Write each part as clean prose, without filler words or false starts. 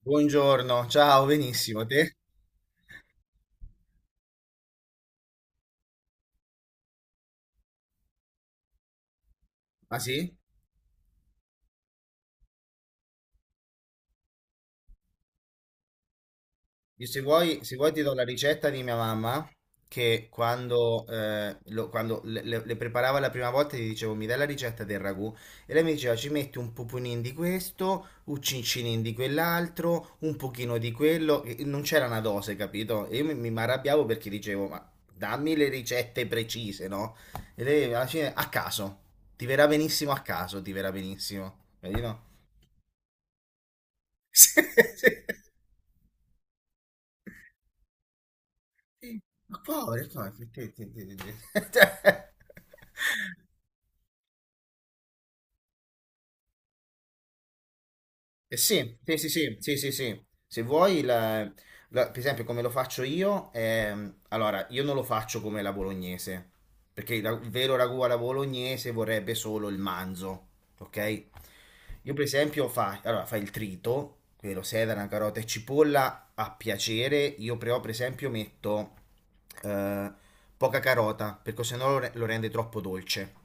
Buongiorno, ciao, benissimo, te? Ah sì? Io se vuoi ti do la ricetta di mia mamma che quando le preparava la prima volta gli dicevo mi dai la ricetta del ragù e lei mi diceva ci metti un pupunin di questo, un cincinin di quell'altro, un pochino di quello, e non c'era una dose, capito? E io mi arrabbiavo perché dicevo ma dammi le ricette precise, no? E lei alla fine a caso, ti verrà benissimo a caso, ti verrà benissimo, vedi no? Sì, sì. Sì, ma poveri, no, effettivamente, sì, sì, sì. Cioè, sì, sì, sì, sì, sì, sì, sì. Se vuoi, per esempio, come lo faccio io, allora, io non lo faccio come la bolognese, perché il vero ragù alla bolognese vorrebbe solo il manzo, ok? Io, per esempio, fai, allora, fai il trito, quello sedana, carota e cipolla, a piacere, io però, per esempio, metto eh, poca carota, perché sennò lo rende troppo dolce.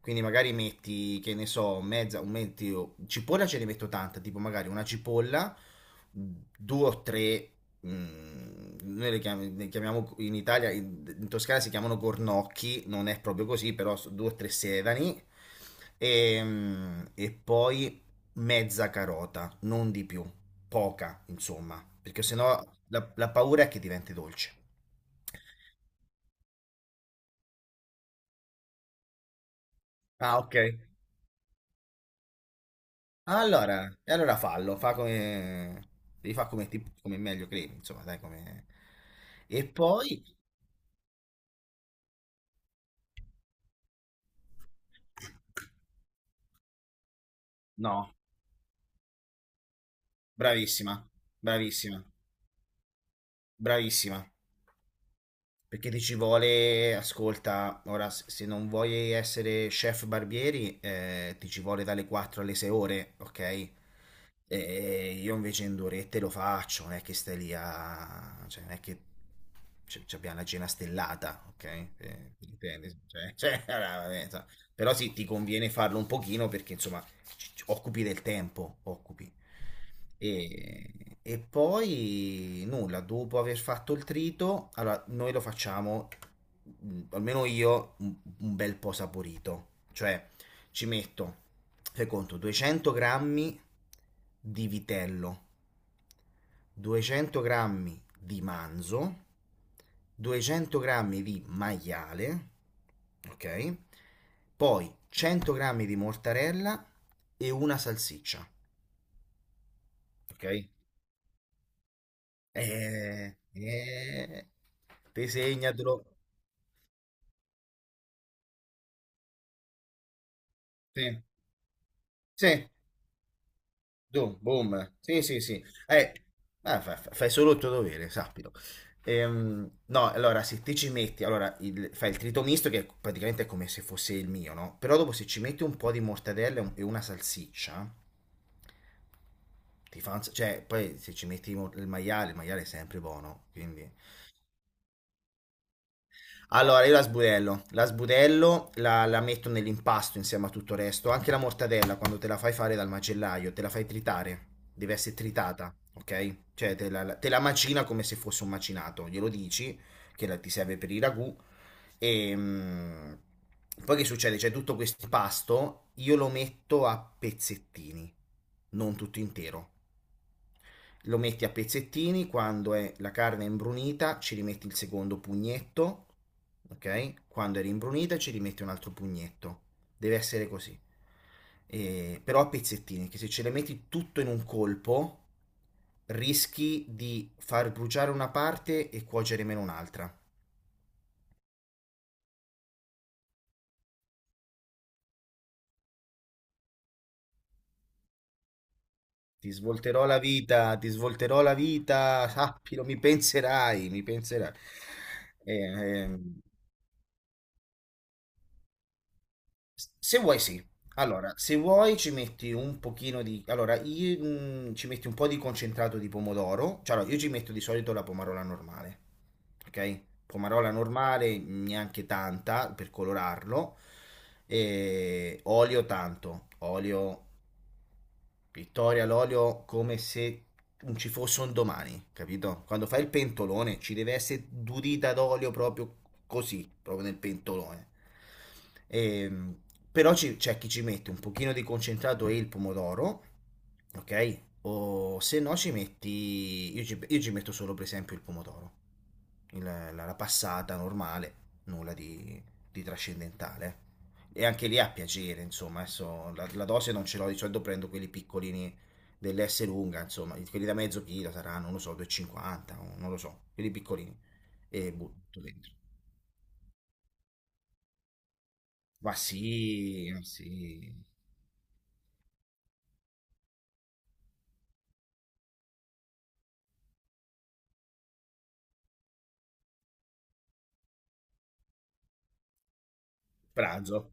Quindi magari metti, che ne so, mezza, un metti, cipolla ce ne metto tanta, tipo magari una cipolla, due o tre, noi le chiamiamo in Italia, in Toscana si chiamano gornocchi, non è proprio così, però due o tre sedani, e poi mezza carota, non di più, poca, insomma, perché sennò la paura è che diventi dolce. Ah, ok. Allora, e allora fallo, fa come, devi fare come, come meglio credi, insomma, dai, come. E poi, no, bravissima, bravissima, bravissima. Perché ti ci vuole, ascolta, ora se non vuoi essere chef barbieri, ti ci vuole dalle 4 alle 6 ore, ok? E io invece in due orette lo faccio, non è che stai lì a, cioè non è che ci abbiamo la cena stellata, ok? Mi intendi? Cioè, cioè, allora, vabbè, insomma. Però sì, ti conviene farlo un pochino perché insomma occupi del tempo, occupi. E poi nulla, dopo aver fatto il trito, allora noi lo facciamo, almeno io, un bel po' saporito. Cioè ci metto, fai conto, 200 grammi di vitello, 200 grammi di manzo, 200 grammi di maiale, ok? Poi 100 grammi di mortarella e una salsiccia, ok? Eh, eh, Te segnatelo. Sì, sì, dum, boom. Sì, sì, sì. Fai solo il tuo dovere, sappilo. No, allora, se te ci metti, allora, fai il trito misto, che praticamente è come se fosse il mio, no? Però dopo se ci metti un po' di mortadella e e una salsiccia, ti fa cioè, poi se ci metti il maiale è sempre buono, quindi. Allora, io la sbudello, la metto nell'impasto insieme a tutto il resto, anche la mortadella quando te la fai fare dal macellaio, te la fai tritare, deve essere tritata, ok? Cioè te la macina come se fosse un macinato, glielo dici che ti serve per i ragù e poi che succede? C'è tutto questo impasto, io lo metto a pezzettini, non tutto intero lo metti a pezzettini, quando è la carne è imbrunita ci rimetti il secondo pugnetto, ok? Quando è rimbrunita ci rimetti un altro pugnetto, deve essere così. Però a pezzettini, che se ce le metti tutto in un colpo rischi di far bruciare una parte e cuocere meno un'altra. Ti svolterò la vita, ti svolterò la vita, sappilo, mi penserai, mi penserai. Eh, ehm, Se vuoi, sì. Allora, se vuoi ci metti un pochino di. Allora, io, ci metti un po' di concentrato di pomodoro. Cioè, allora, io ci metto di solito la pomarola normale. Ok? Pomarola normale, neanche tanta per colorarlo. E olio tanto. Olio Vittoria all'olio come se non ci fosse un domani, capito? Quando fai il pentolone ci deve essere durita d'olio proprio così, proprio nel pentolone. Ehm, Però c'è chi ci mette un pochino di concentrato e il pomodoro, ok? O se no ci metti, io ci metto solo per esempio il pomodoro la passata normale, nulla di trascendentale. E anche lì a piacere, insomma, adesso la dose non ce l'ho, di solito prendo quelli piccolini dell'S lunga, insomma, quelli da mezzo chilo saranno, non lo so, 2,50, o non lo so, quelli piccolini, e butto dentro. Ma sì, pranzo,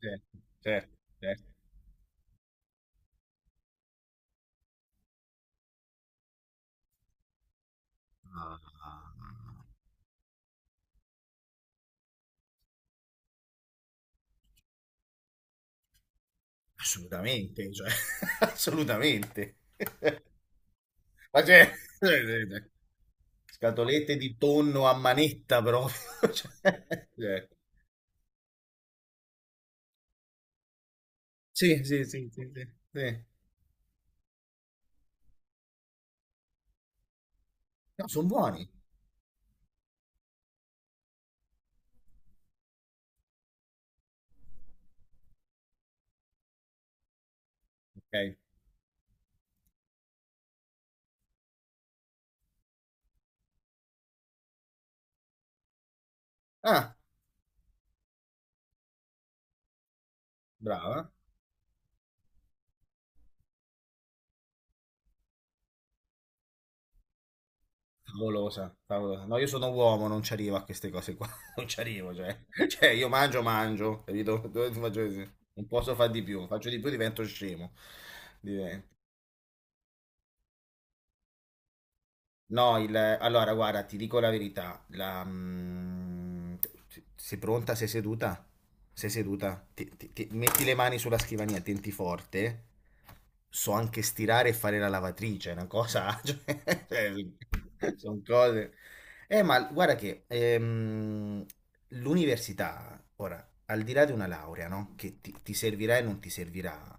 certo, certo, certo. Ah, assolutamente, cioè, assolutamente. Ma c'è. Scatolette di tonno a manetta proprio. Cioè, cioè, sì, sì, sì, sì, sì. Sì. No, sono buoni. Ok. Ah, brava. Favolosa, favolosa. No, io sono uomo, non ci arrivo a queste cose qua. Non ci arrivo, cioè. Cioè, io mangio, mangio, capito? Dove ti faccio. Non posso fare di più. Faccio di più, divento scemo. Divento. No, allora guarda, ti dico la verità, sei pronta? Sei seduta? Sei seduta? Metti le mani sulla scrivania, tenti forte. So anche stirare e fare la lavatrice, è una cosa, cioè, sono cose. Ma guarda che l'università, ora, al di là di una laurea, no? Che ti servirà e non ti servirà,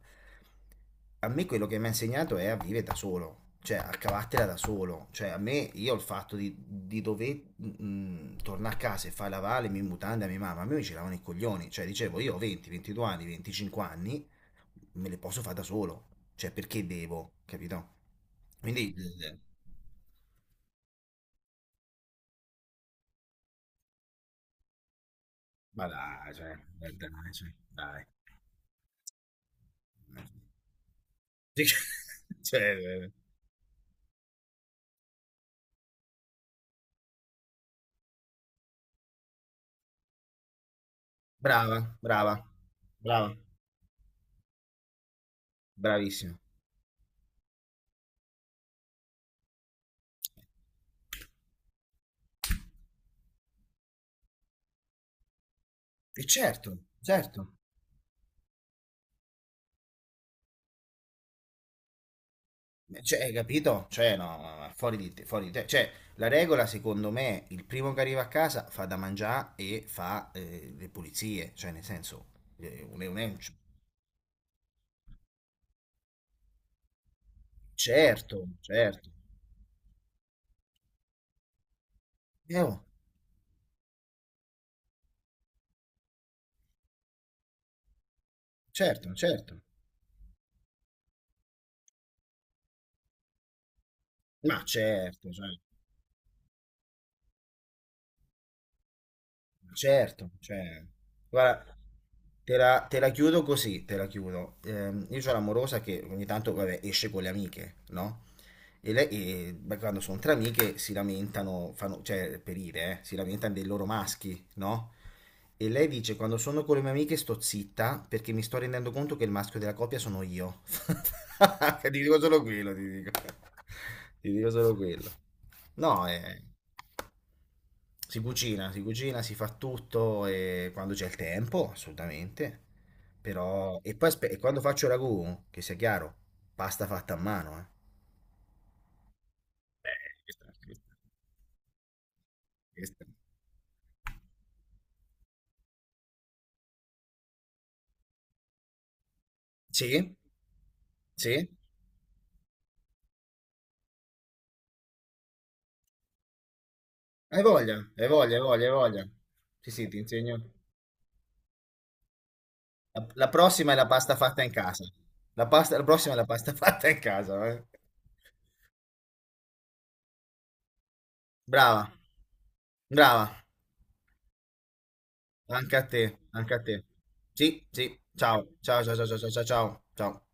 a me quello che mi ha insegnato è a vivere da solo, cioè a cavartela da solo. Cioè a me, io il fatto di dover tornare a casa e fare la vale, mi mutanda, a mia mamma, a me mi giravano i coglioni. Cioè dicevo, io ho 20, 22 anni, 25 anni, me le posso fare da solo. Cioè perché devo, capito? Quindi. Ma dai, cioè, dai, cioè, dai. Cioè, brava, brava, brava, bravissima. E certo, certo. Cioè, hai capito? Cioè, no, ma fuori di te, fuori di te. Cioè, la regola, secondo me, il primo che arriva a casa fa da mangiare e fa le pulizie. Cioè, nel senso, eh, un, un, un- certo, certo. Oh, certo, certo. Ma certo, cioè. Certo, cioè, guarda, te la chiudo così, te la chiudo. Io ho l'amorosa che ogni tanto, vabbè, esce con le amiche, no? E lei, Beh, quando sono tra amiche, si lamentano, fanno, cioè, per dire, si lamentano dei loro maschi, no? E lei dice, quando sono con le mie amiche sto zitta perché mi sto rendendo conto che il maschio della coppia sono io. Ti dico solo quello, ti dico. Ti dico solo quello. No, è. Si cucina, si cucina, si fa tutto e quando c'è il tempo, assolutamente. Però, e quando faccio ragù, che sia chiaro, pasta fatta a mano, eh. Beh, questa, questa, questa. Sì, sì. Hai voglia, hai voglia, hai voglia, hai voglia. Sì, sì, ti insegno. La prossima è la pasta fatta in casa. La prossima è la pasta fatta in casa, eh. Brava, brava. Anche a te, anche a te. Sì, sì. Ciao, ciao, ciao, ciao, ciao, ciao, ciao. Ciao.